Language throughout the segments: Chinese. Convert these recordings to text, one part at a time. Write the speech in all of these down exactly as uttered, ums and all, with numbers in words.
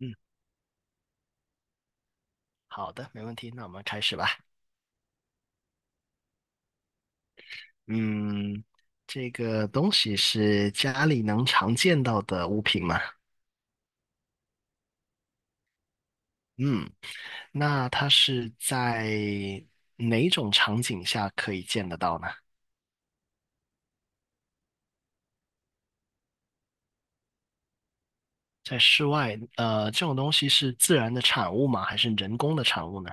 嗯，好的，没问题，那我们开始吧。嗯，这个东西是家里能常见到的物品吗？嗯，那它是在哪种场景下可以见得到呢？在室外，呃，这种东西是自然的产物吗？还是人工的产物呢？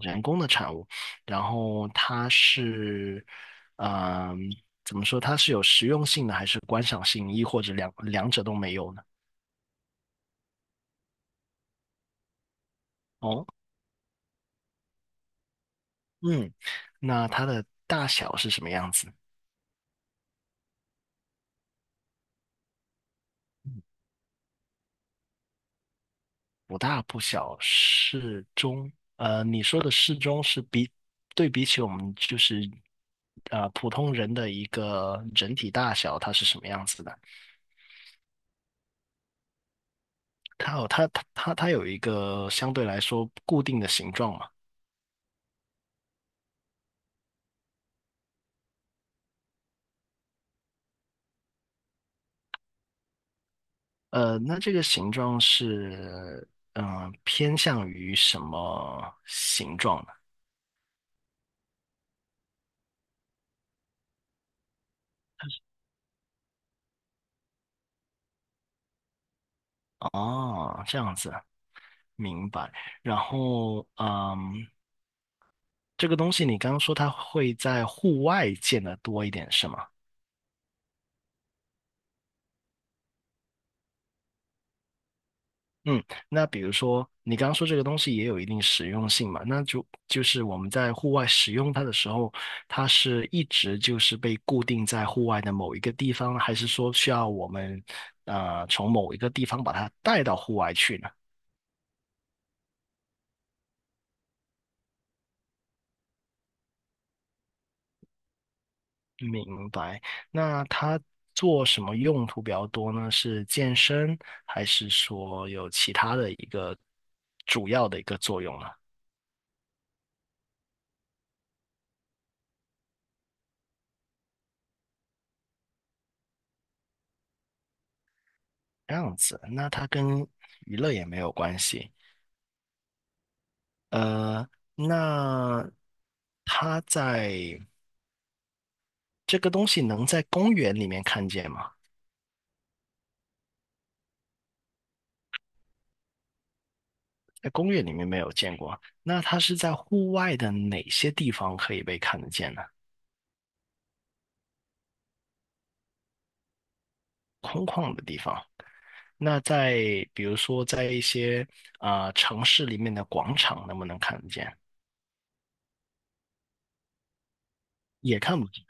人工的产物，然后它是，嗯、怎么说？它是有实用性的，还是观赏性，亦或者两两者都没有呢？哦。嗯，那它的大小是什么样子？不大不小，适中。呃，你说的适中是比对比起我们就是呃普通人的一个整体大小，它是什么样子的？它有它它它它有一个相对来说固定的形状嘛？呃，那这个形状是嗯、呃偏向于什么形状呢？哦，这样子，明白。然后，嗯。这个东西你刚刚说它会在户外见的多一点，是吗？嗯，那比如说你刚刚说这个东西也有一定实用性嘛，那就就是我们在户外使用它的时候，它是一直就是被固定在户外的某一个地方，还是说需要我们呃从某一个地方把它带到户外去呢？明白。那它做什么用途比较多呢？是健身，还是说有其他的一个主要的一个作用呢？这样子，那它跟娱乐也没有关系。呃，那它在这个东西能在公园里面看见吗？在公园里面没有见过。那它是在户外的哪些地方可以被看得见呢？空旷的地方。那在比如说在一些啊、呃城市里面的广场能不能看得见？也看不见。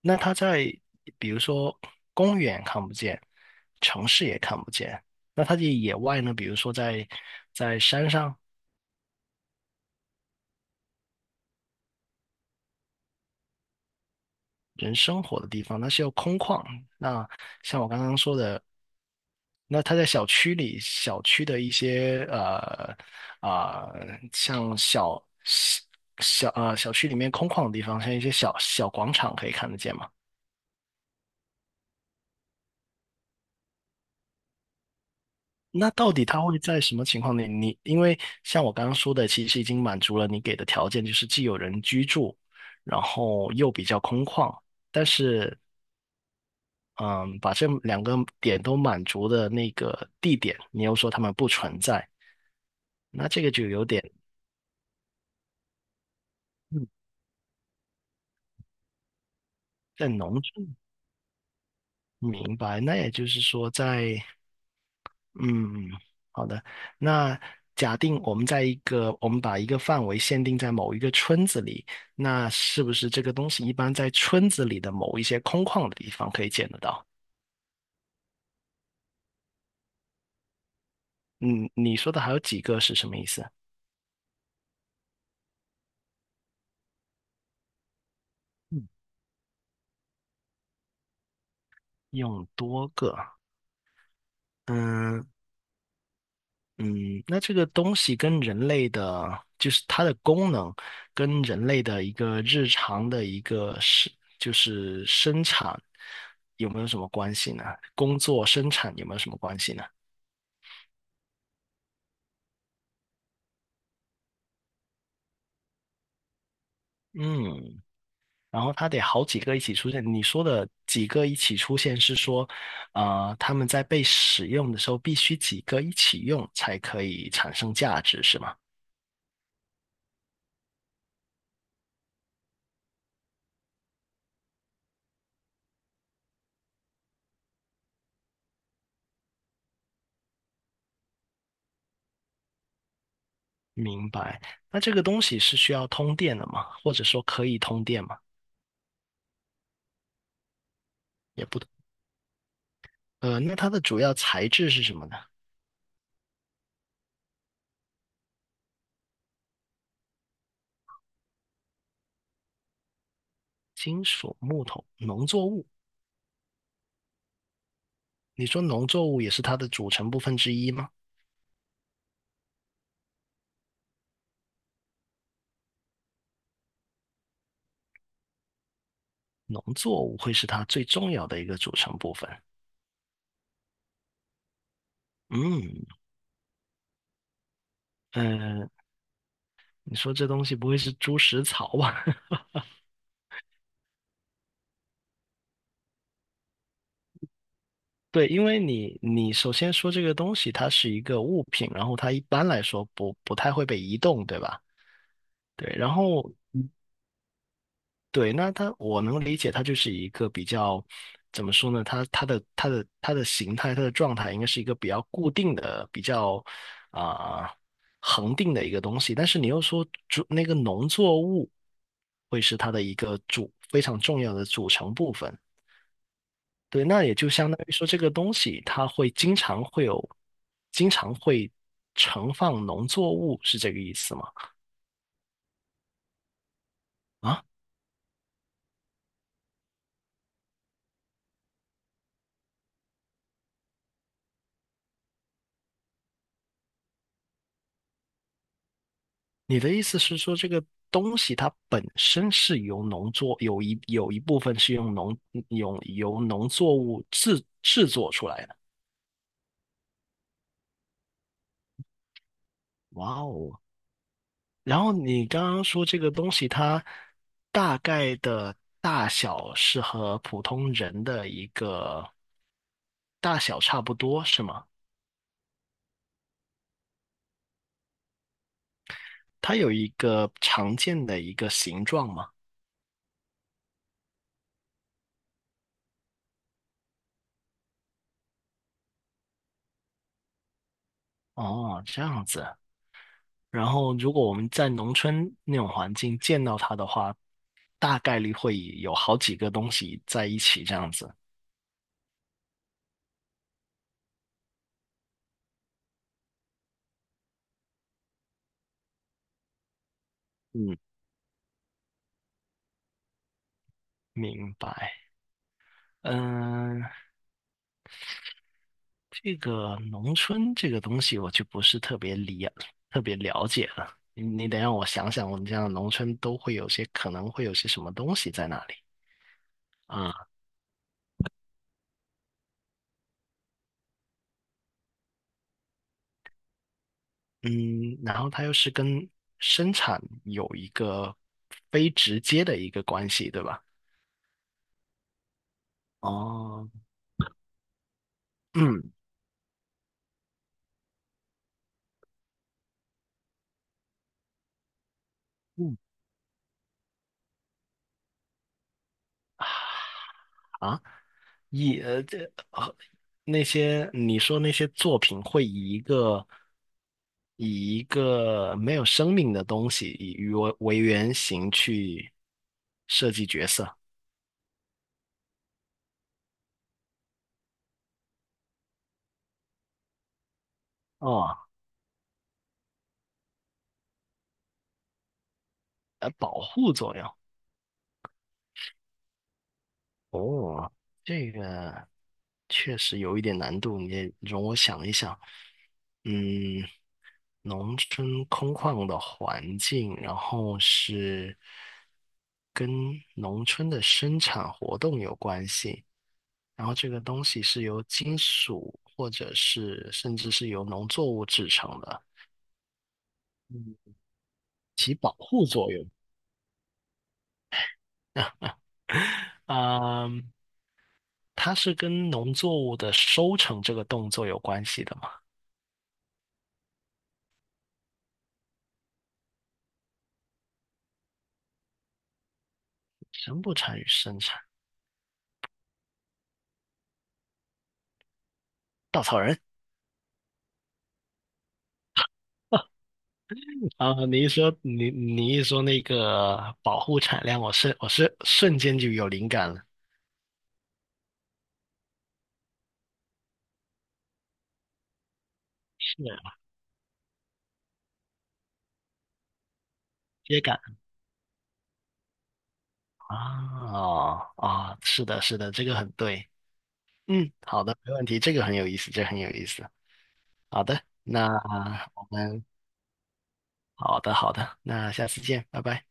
那它在比如说公园看不见，城市也看不见，那它的野外呢？比如说在在山上人生活的地方，那是要空旷。那像我刚刚说的，那它在小区里，小区的一些呃啊、像小小小呃小区里面空旷的地方，像一些小小广场可以看得见吗？那到底他会在什么情况里？你因为像我刚刚说的，其实已经满足了你给的条件，就是既有人居住，然后又比较空旷。但是，嗯，把这两个点都满足的那个地点，你又说他们不存在，那这个就有点嗯，在农村。明白。那也就是说在，嗯，好的。那假定我们在一个，我们把一个范围限定在某一个村子里，那是不是这个东西一般在村子里的某一些空旷的地方可以见得到？嗯，你说的还有几个是什么意思？嗯用多个，嗯，嗯，那这个东西跟人类的，就是它的功能，跟人类的一个日常的一个是，就是生产有没有什么关系呢？工作生产有没有什么关系呢？嗯，然后它得好几个一起出现。你说的几个一起出现是说，呃，他们在被使用的时候必须几个一起用才可以产生价值，是吗？明白。那这个东西是需要通电的吗？或者说可以通电吗？也不。呃，那它的主要材质是什么呢？金属、木头、农作物。你说农作物也是它的组成部分之一吗？农作物会是它最重要的一个组成部分。嗯，呃，你说这东西不会是猪食草吧？对，因为你你首先说这个东西它是一个物品，然后它一般来说不不太会被移动，对吧？对，然后对，那它我能理解，它就是一个比较怎么说呢？它它的它的它的形态，它的状态应该是一个比较固定的、比较啊、恒定的一个东西。但是你又说主那个农作物会是它的一个主非常重要的组成部分。对，那也就相当于说这个东西它会经常会有，经常会盛放农作物，是这个意思吗？啊？你的意思是说，这个东西它本身是由农作，有一有一部分是用农用由农作物制制作出来的。哇哦！然后你刚刚说这个东西它大概的大小是和普通人的一个大小差不多，是吗？它有一个常见的一个形状吗？哦，这样子。然后，如果我们在农村那种环境见到它的话，大概率会有好几个东西在一起这样子。嗯，明白。嗯，这个农村这个东西我就不是特别理特别了解了。你你得让我想想，我们这样的农村都会有些可能会有些什么东西在那里啊？嗯，然后它又是跟生产有一个非直接的一个关系，对吧？哦，嗯嗯。啊，以呃这啊那些你说那些作品会以一个以一个没有生命的东西以鱼为为原型去设计角色哦，呃，保护作用哦，这个确实有一点难度，你也容我想一想，嗯，农村空旷的环境，然后是跟农村的生产活动有关系。然后这个东西是由金属或者是甚至是由农作物制成的，嗯保护作用。嗯，它是跟农作物的收成这个动作有关系的嘛？生不产与生产，稻草人 啊！你一说你你一说那个保护产量，我是我是瞬间就有灵感了，是接感啊啊！是的，是的，这个很对。嗯，好的，没问题，这个很有意思，这个很有意思。好的，那我们好的好的，那下次见，拜拜。